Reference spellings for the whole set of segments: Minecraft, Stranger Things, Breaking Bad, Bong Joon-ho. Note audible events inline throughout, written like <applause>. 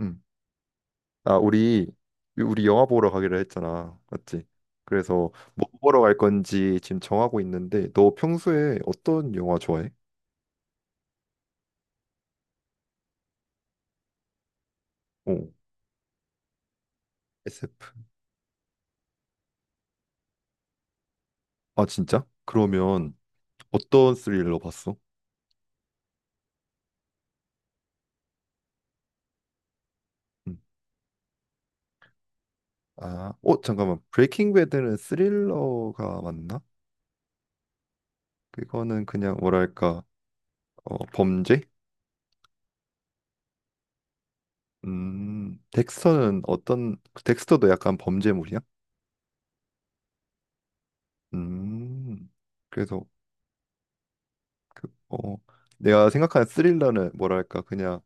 음. 아, 우리 영화 보러 가기로 했잖아. 맞지? 그래서 뭐 보러 갈 건지 지금 정하고 있는데 너 평소에 어떤 영화 좋아해? 어. SF. 아, 진짜? 그러면 어떤 스릴러 봤어? 음. 아, 잠깐만. 브레이킹 배드는 스릴러가 맞나? 그거는 그냥 뭐랄까? 범죄? 음. 덱스터는 어떤, 덱스터도 약간 범죄물이야? 음. 그래서 그, 내가 생각하는 스릴러는 뭐랄까 그냥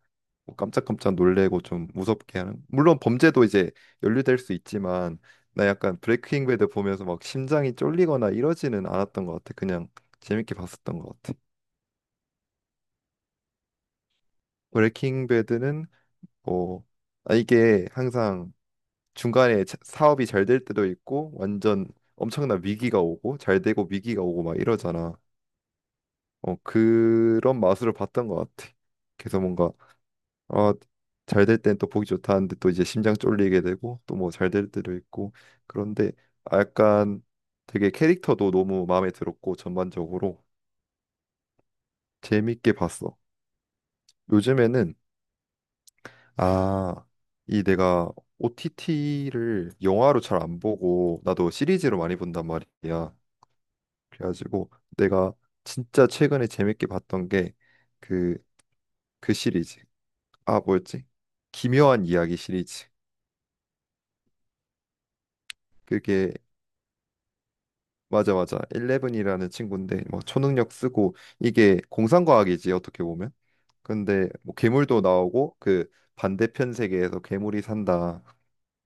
뭐 깜짝깜짝 놀래고 좀 무섭게 하는, 물론 범죄도 이제 연루될 수 있지만, 나 약간 브레이킹 배드 보면서 막 심장이 쫄리거나 이러지는 않았던 것 같아, 그냥 재밌게 봤었던 것 같아. 브레이킹 배드는 뭐, 아, 이게 항상 중간에 사업이 잘 될 때도 있고 완전 엄청난 위기가 오고 잘 되고 위기가 오고 막 이러잖아. 그런 맛으로 봤던 것 같아. 그래서 뭔가, 어, 잘 될 땐 또 보기 좋다는데 또 이제 심장 쫄리게 되고 또 뭐 잘 될 때도 있고 그런데, 아, 약간 되게 캐릭터도 너무 마음에 들었고 전반적으로 재밌게 봤어. 요즘에는, 아, 이 내가 OTT를 영화로 잘 안 보고 나도 시리즈로 많이 본단 말이야. 그래가지고 내가 진짜 최근에 재밌게 봤던 게 그 그 시리즈. 아, 뭐였지? 기묘한 이야기 시리즈. 그게 맞아, 맞아. 레븐이라는 친구인데, 뭐 초능력 쓰고 이게 공상과학이지, 어떻게 보면. 근데 뭐 괴물도 나오고 그 반대편 세계에서 괴물이 산다.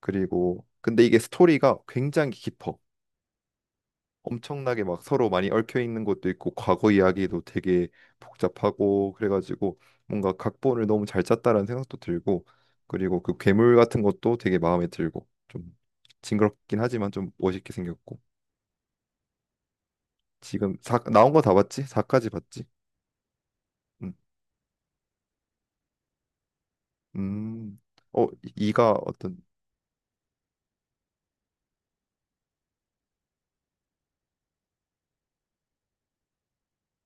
그리고 근데 이게 스토리가 굉장히 깊어. 엄청나게 막 서로 많이 얽혀 있는 것도 있고 과거 이야기도 되게 복잡하고 그래가지고 뭔가 각본을 너무 잘 짰다라는 생각도 들고, 그리고 그 괴물 같은 것도 되게 마음에 들고 좀 징그럽긴 하지만 좀 멋있게 생겼고. 지금 사 나온 거 다 봤지? 4까지 봤지? 음, 음. 어, 이가 어떤,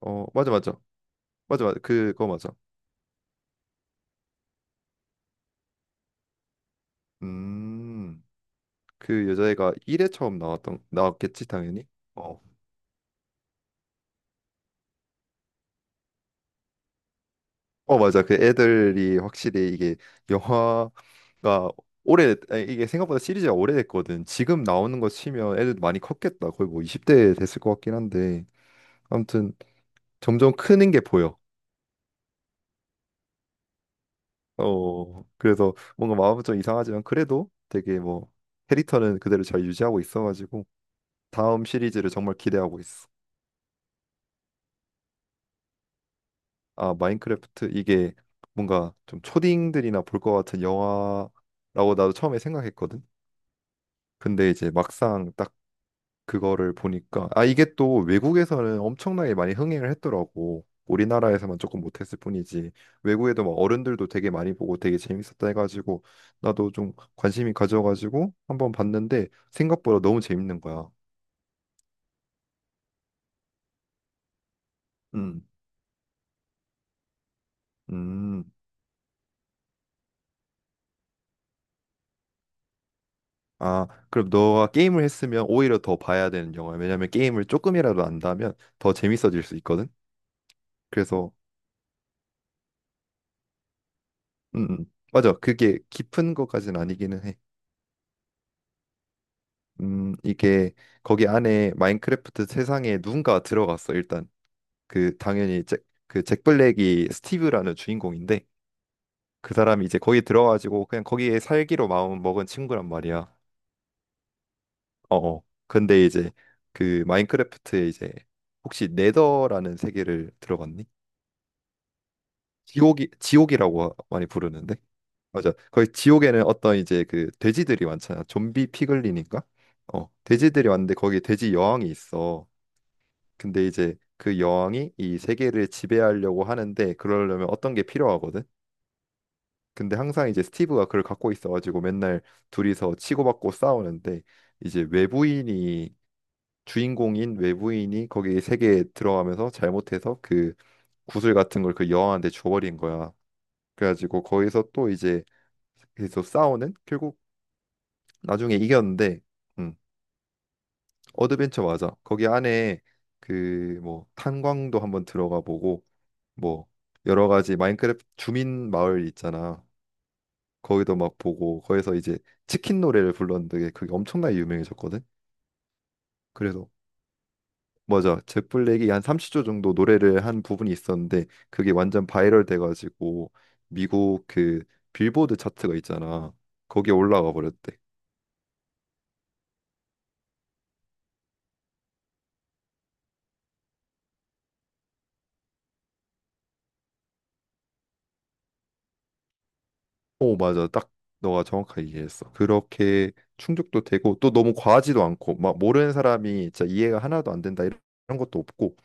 어, 맞아, 맞아. 맞아, 맞아. 그거 맞아. 음, 그 여자애가 1회 처음 나왔던, 나왔겠지, 당연히. 어, 어, 맞아. 그 애들이 확실히 이게 영화가 오래, 아니, 이게 생각보다 시리즈가 오래됐거든. 지금 나오는 거 치면 애들 많이 컸겠다. 거의 뭐 20대 됐을 것 같긴 한데. 아무튼 점점 크는 게 보여. 어, 그래서 뭔가 마음은 좀 이상하지만 그래도 되게 뭐 캐릭터는 그대로 잘 유지하고 있어가지고 다음 시리즈를 정말 기대하고 있어. 아, 마인크래프트, 이게 뭔가 좀 초딩들이나 볼 것 같은 영화라고 나도 처음에 생각했거든. 근데 이제 막상 딱 그거를 보니까, 아, 이게 또 외국에서는 엄청나게 많이 흥행을 했더라고. 우리나라에서만 조금 못했을 뿐이지 외국에도 막 어른들도 되게 많이 보고 되게 재밌었다 해가지고 나도 좀 관심이 가져가지고 한번 봤는데 생각보다 너무 재밌는 거야. 음, 음. 아, 그럼 너가 게임을 했으면 오히려 더 봐야 되는 영화야. 왜냐면 게임을 조금이라도 안다면 더 재밌어질 수 있거든. 그래서. 맞아. 그게 깊은 것까지는 아니기는 해. 이게 거기 안에 마인크래프트 세상에 누군가 들어갔어. 일단 그 당연히 잭, 그잭 블랙이 스티브라는 주인공인데, 그 사람이 이제 거기 들어가지고 그냥 거기에 살기로 마음 먹은 친구란 말이야. 어, 어. 근데 이제 그 마인크래프트에, 이제 혹시 네더라는 세계를 들어봤니? 지옥이, 지옥이라고 많이 부르는데. 맞아, 거기 지옥에는 어떤 이제 그 돼지들이 많잖아, 좀비 피글린인가 돼지들이 왔는데 거기 돼지 여왕이 있어. 근데 이제 그 여왕이 이 세계를 지배하려고 하는데 그러려면 어떤 게 필요하거든. 근데 항상 이제 스티브가 그걸 갖고 있어가지고 맨날 둘이서 치고받고 싸우는데, 이제 외부인이, 주인공인 외부인이 거기 세계에 들어가면서 잘못해서 그 구슬 같은 걸 그 여왕한테 줘버린 거야. 그래가지고 거기서 또 이제, 그래서 싸우는, 결국 나중에 이겼는데. 음, 어드벤처 맞아. 거기 안에 그 뭐 탄광도 한번 들어가 보고, 뭐 여러 가지 마인크래프트 주민 마을 있잖아. 거기도 막 보고 거기서 이제 치킨 노래를 불렀는데 그게 엄청나게 유명해졌거든. 그래서 맞아. 잭 블랙이 한 30초 정도 노래를 한 부분이 있었는데 그게 완전 바이럴 돼가지고 미국 그 빌보드 차트가 있잖아. 거기에 올라가 버렸대. 오, 맞아. 딱 너가 정확하게 이해했어. 그렇게 충족도 되고 또 너무 과하지도 않고 막 모르는 사람이 진짜 이해가 하나도 안 된다, 이런 것도 없고.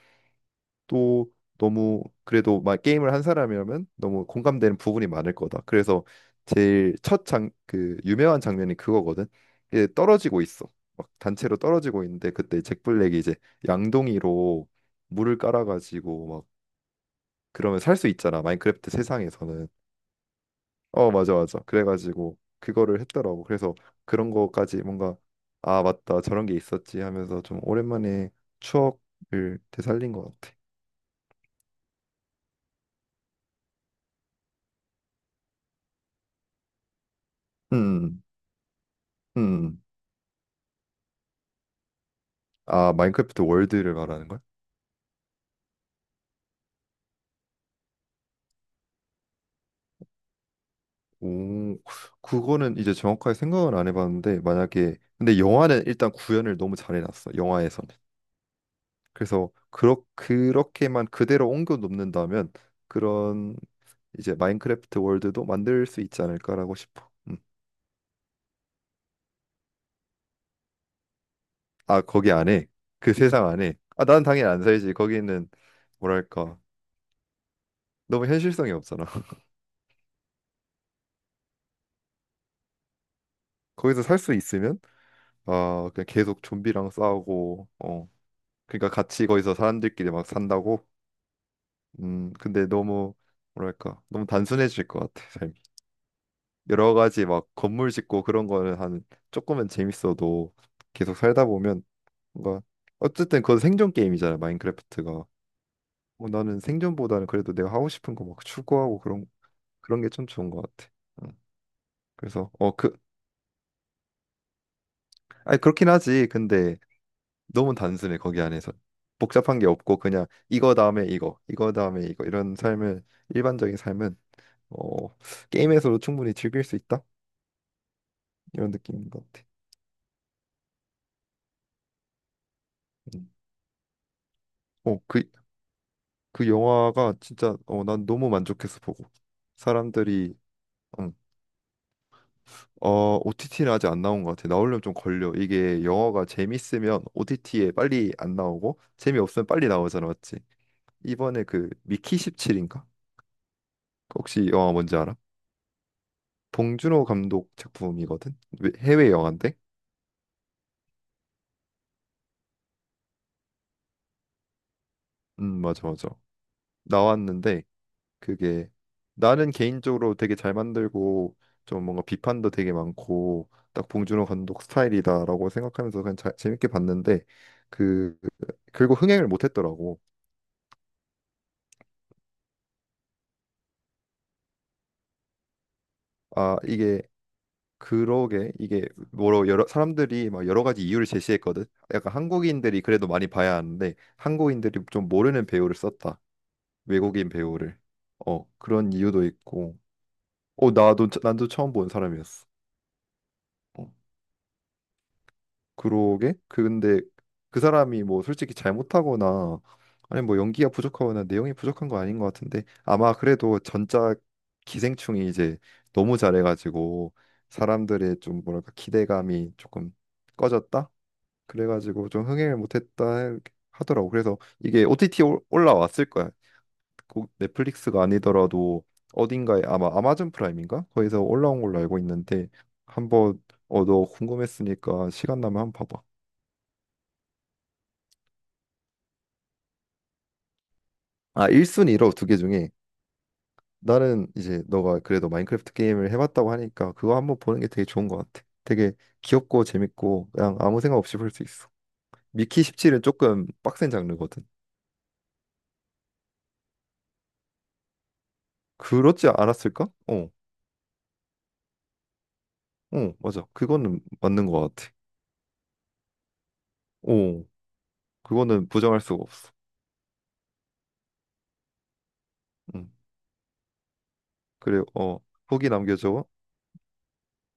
또 너무 그래도 막 게임을 한 사람이라면 너무 공감되는 부분이 많을 거다. 그래서 제일 첫 장, 그 유명한 장면이 그거거든. 이게 떨어지고 있어. 막 단체로 떨어지고 있는데 그때 잭 블랙이 이제 양동이로 물을 깔아가지고, 막 그러면 살 수 있잖아, 마인크래프트 세상에서는. 어, 맞아, 맞아. 그래가지고 그거를 했더라고. 그래서 그런 거까지 뭔가, 아, 맞다. 저런 게 있었지 하면서 좀 오랜만에 추억을 되살린 것 같아. 음, 음. 아, 마인크래프트 월드를 말하는 거야? 오, 그거는 이제 정확하게 생각은 안 해봤는데, 만약에, 근데 영화는 일단 구현을 너무 잘해놨어. 영화에서는. 그래서 그렇게만 그대로 옮겨 놓는다면 그런 이제 마인크래프트 월드도 만들 수 있지 않을까라고 싶어. 음. 아, 거기 안에, 그 세상 안에, 아, 난 당연히 안 살지. 거기는 뭐랄까 너무 현실성이 없잖아. <laughs> 거기서 살 수 있으면, 아, 그냥 계속 좀비랑 싸우고, 어. 그러니까 같이 거기서 사람들끼리 막 산다고. 근데 너무 뭐랄까, 너무 단순해질 것 같아, 삶이. 여러 가지 막 건물 짓고 그런 거는 한 조금은 재밌어도, 계속 살다 보면 뭔가, 어쨌든 그건 생존 게임이잖아, 마인크래프트가. 뭐 나는 생존보다는 그래도 내가 하고 싶은 거 막 추구하고 그런, 그런 게 참 좋은 것 같아. 응. 그래서 그, 아니 그렇긴 하지. 근데 너무 단순해, 거기 안에서 복잡한 게 없고 그냥 이거 다음에 이거, 이거 다음에 이거, 이런 삶을. 일반적인 삶은, 어 게임에서도 충분히 즐길 수 있다, 이런 느낌인 것 같아. 음. 어그 그그 영화가 진짜, 난 너무 만족해서 보고 사람들이. 응. 어, OTT는 아직 안 나온 것 같아. 나오려면 좀 걸려. 이게 영화가 재밌으면 OTT에 빨리 안 나오고 재미없으면 빨리 나오잖아, 맞지? 이번에 그 미키 17인가? 혹시 이 영화 뭔지 알아? 봉준호 감독 작품이거든. 해외 영화인데? 맞아 맞아. 나왔는데, 그게 나는 개인적으로 되게 잘 만들고 좀 뭔가 비판도 되게 많고 딱 봉준호 감독 스타일이다라고 생각하면서 그냥 재밌게 봤는데, 그 결국 흥행을 못 했더라고. 아, 이게, 그러게, 이게 뭐로 여러 사람들이 막 여러 가지 이유를 제시했거든. 약간 한국인들이 그래도 많이 봐야 하는데 한국인들이 좀 모르는 배우를 썼다. 외국인 배우를. 그런 이유도 있고. 나도 처음 본 사람이었어. 어, 그러게. 그 근데 그 사람이 뭐 솔직히 잘못하거나, 아니 뭐 연기가 부족하거나 내용이 부족한 거 아닌 것 같은데, 아마 그래도 전작 기생충이 이제 너무 잘해가지고 사람들의 좀 뭐랄까 기대감이 조금 꺼졌다, 그래가지고 좀 흥행을 못했다 하더라고. 그래서 이게 OTT 올라왔을 거야. 넷플릭스가 아니더라도 어딘가에, 아마 아마존 프라임인가? 거기서 올라온 걸로 알고 있는데. 한번, 너 궁금했으니까 시간 나면 한번 봐봐. 아, 1순위로 두 개 중에 나는 이제 너가 그래도 마인크래프트 게임을 해봤다고 하니까 그거 한번 보는 게 되게 좋은 것 같아. 되게 귀엽고 재밌고 그냥 아무 생각 없이 볼 수 있어. 미키 17은 조금 빡센 장르거든. 그렇지 않았을까? 어. 어, 맞아. 그거는 맞는 것 같아. 어, 그거는 부정할 수가 없어. 응. 그래, 후기 남겨줘.